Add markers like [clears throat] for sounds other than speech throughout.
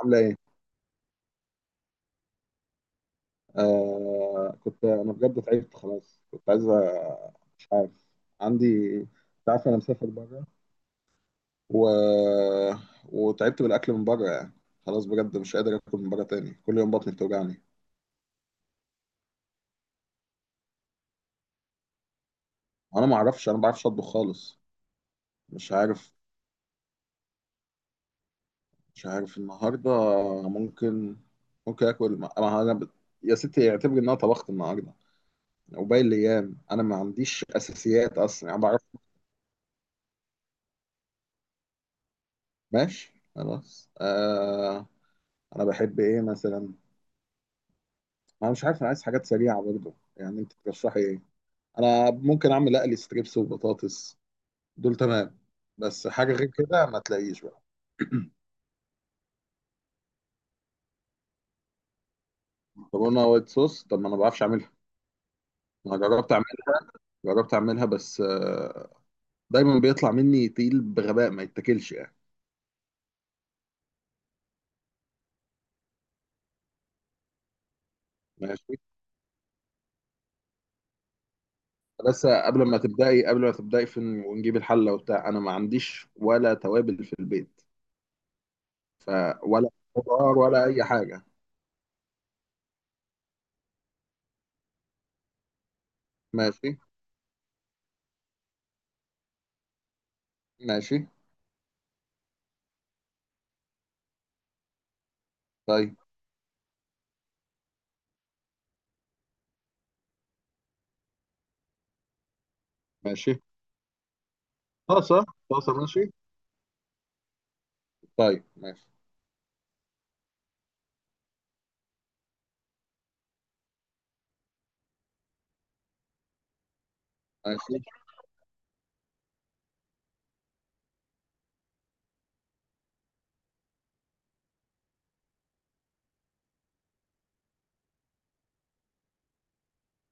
عاملة إيه؟ آه، كنت أنا بجد تعبت خلاص، كنت عايز مش عارف. عندي، أنت عارف أنا مسافر بره و... وتعبت بالأكل من بره يعني. خلاص بجد مش قادر آكل من بره تاني، كل يوم بطني بتوجعني. أنا ما أعرفش، أنا ما بعرفش أطبخ خالص. مش عارف، مش عارف النهاردة. ممكن ممكن آكل ما يا ستي اعتبري إن أنا طبخت النهاردة، وباقي الأيام أنا ما عنديش أساسيات أصلا يعني ما بعرف. ماشي خلاص. أنا بحب إيه مثلا؟ انا مش عارف، انا عايز حاجات سريعه برضه يعني، انت ترشحي ايه؟ انا ممكن اعمل اقلي ستريبس وبطاطس، دول تمام. بس حاجه غير كده ما تلاقيش بقى. مكرونه وايت صوص؟ طب ما انا ما بعرفش اعملها. انا جربت اعملها، جربت اعملها بس دايما بيطلع مني تقيل بغباء ما يتاكلش يعني. ماشي. بس قبل ما تبداي في ونجيب الحله وبتاع، انا ما عنديش ولا توابل في البيت. ف ولا خضار ولا اي حاجه. ماشي. ماشي. طيب ماشي. طاسه، طاسه، ماشي. طيب ماشي. هشوف.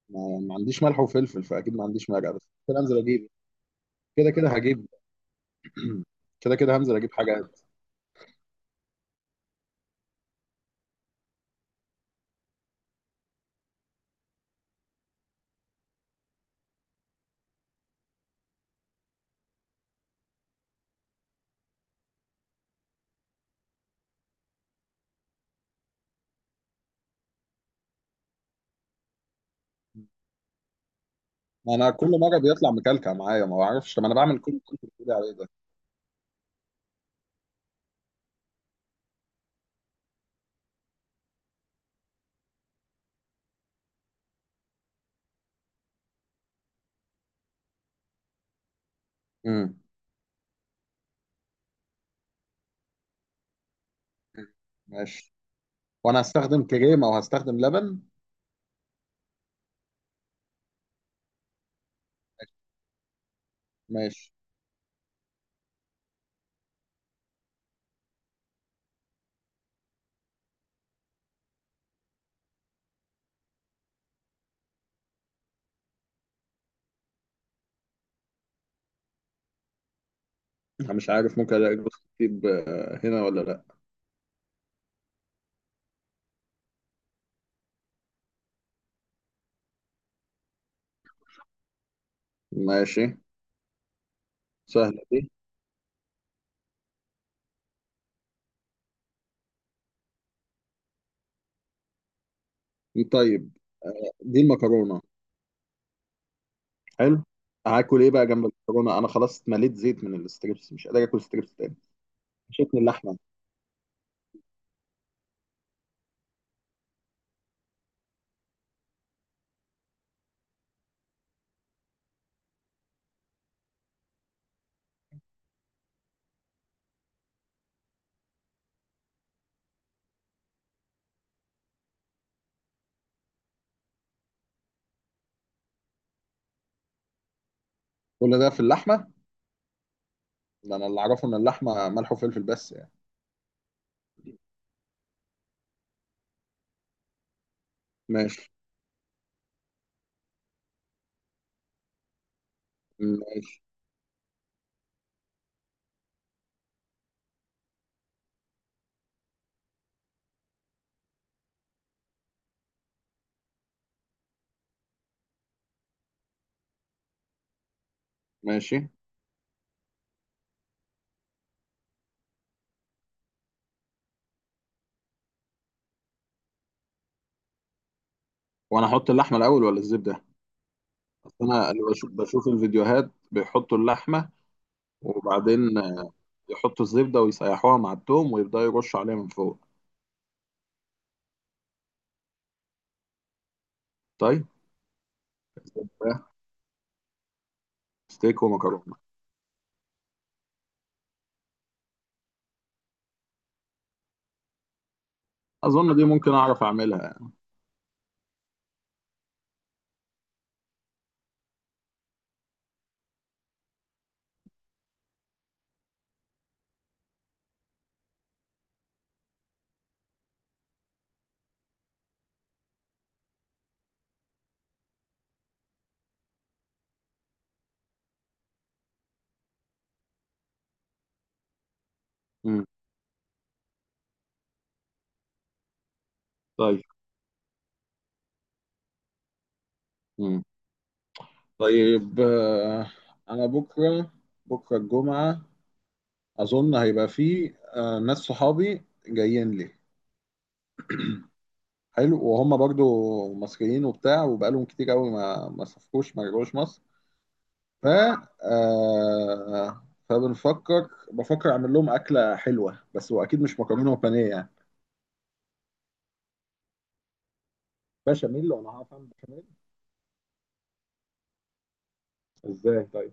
ما عنديش ملح وفلفل، فاكيد ما عنديش مرقه، بس كده انزل اجيب. كده كده هجيب. [clears throat] كده كده هنزل اجيب حاجه. ما انا كل مره بيطلع مكلكع معايا ما بعرفش، طب انا بعمل كل اللي انت بتقولي عليه ده. امم ماشي. وانا هستخدم كريمه وهستخدم لبن. ماشي. انا مش عارف ممكن الاقي جوز الطيب هنا ولا لا؟ ماشي. سهله دي. طيب. دي المكرونه. حلو. هاكل ايه بقى جنب المكرونه؟ انا خلاص اتمليت زيت من الستريبس، مش قادر اكل ستريبس تاني. شكل اللحمه. كل ده في اللحمه؟ ده انا اللي اعرفه ان اللحمه ملح وفلفل بس يعني. ماشي. ماشي. ماشي. وانا احط اللحمه الاول ولا الزبده؟ اصل انا اللي بشوف الفيديوهات بيحطوا اللحمه، وبعدين يحطوا الزبده ويسيحوها مع التوم ويبداوا يرشوا عليها من فوق. طيب. زبدة، ستيك ومكرونه. اظن دي ممكن اعرف اعملها يعني. مم. طيب. مم. طيب. انا بكره، بكره الجمعه. اظن هيبقى فيه ناس صحابي جايين لي. حلو. وهم برضو مصريين وبتاع، وبقالهم كتير قوي ما سافروش ما رجعوش مصر. ف فبنفكر بفكر اعمل لهم اكله حلوه، بس واكيد مش مكرونه وبانيه يعني. بشاميل. وانا هعرف اعمل بشاميل ازاي طيب؟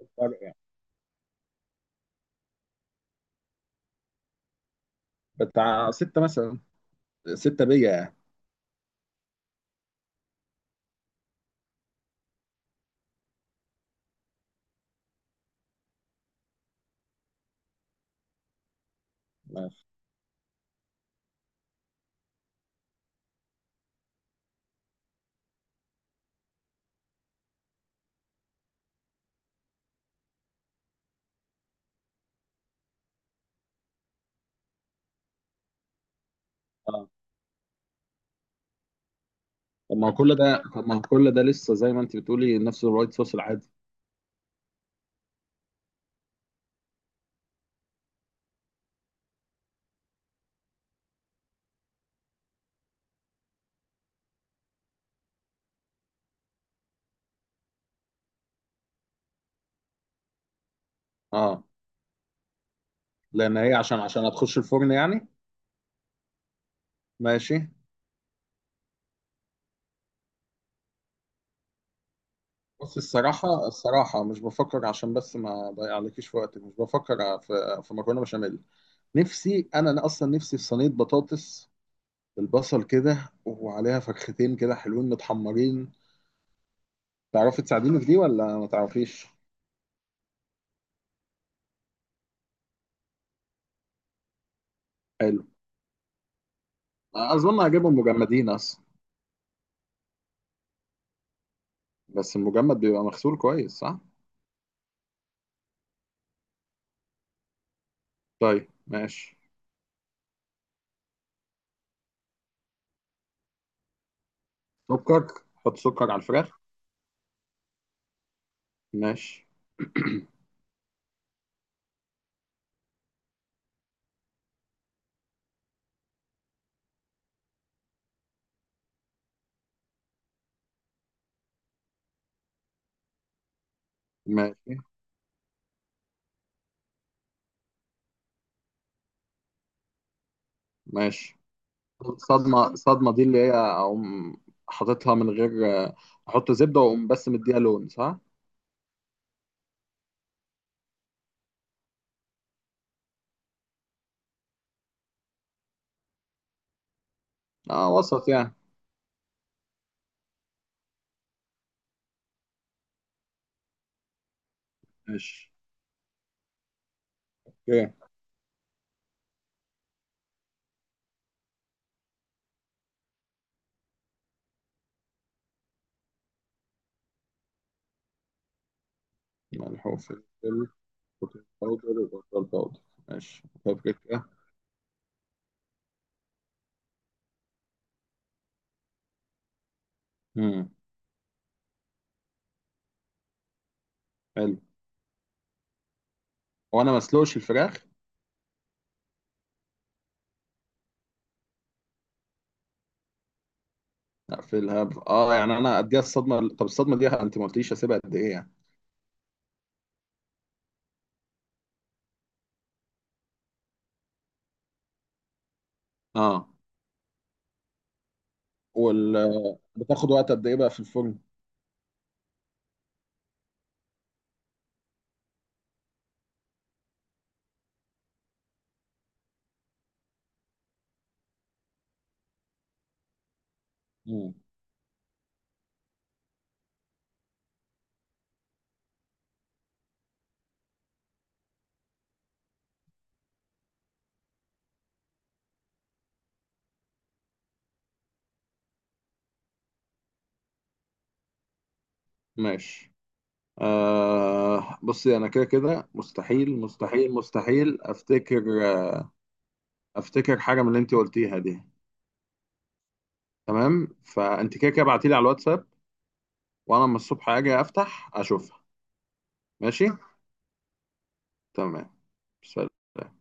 الفرق يعني. بتاع 6 مثلا، 6 بيا يعني. ماشي. اه. طب ما هو كل ده، طب ما هو كل ده لسه زي ما انت بتقولي نفس الوايت صوص العادي. اه. لان هي عشان هتخش الفرن يعني. ماشي. بص، الصراحة، الصراحة مش بفكر، عشان بس ما اضيع عليكيش في وقتك، مش بفكر في مكرونة بشاميل. نفسي أنا أصلا نفسي في صينية بطاطس بالبصل كده، وعليها فرختين كده حلوين متحمرين. تعرفي تساعديني في دي ولا ما تعرفيش؟ حلو. أظن هجيبهم مجمدين أصلا. بس المجمد بيبقى مغسول كويس صح؟ طيب ماشي. سكر؟ حط سكر على الفراخ؟ ماشي. [clears throat] ماشي. ماشي. الصدمة، الصدمة دي اللي هي أقوم حاططها من غير، أحط زبدة وأقوم بس مديها لون صح؟ وسط يعني. ماشي. أوكي. ملحوف، فلفل، بروتين باودر وبصل باودر. ماشي بابريكا. امم حلو. هو أنا ما أسلقش الفراخ؟ لا في الهب يعني أنا أديها الصدمة، طب الصدمة دي أنت ما قلتليش أسيبها قد إيه يعني؟ آه وال بتاخد وقت قد إيه بقى في الفرن؟ امم ماشي. بصي انا كده كده مستحيل، مستحيل، مستحيل افتكر، افتكر حاجه من اللي انت قلتيها دي. تمام فانت كده كده ابعتيلي على الواتساب، وانا لما الصبح اجي افتح اشوفها. ماشي. تمام. سلام.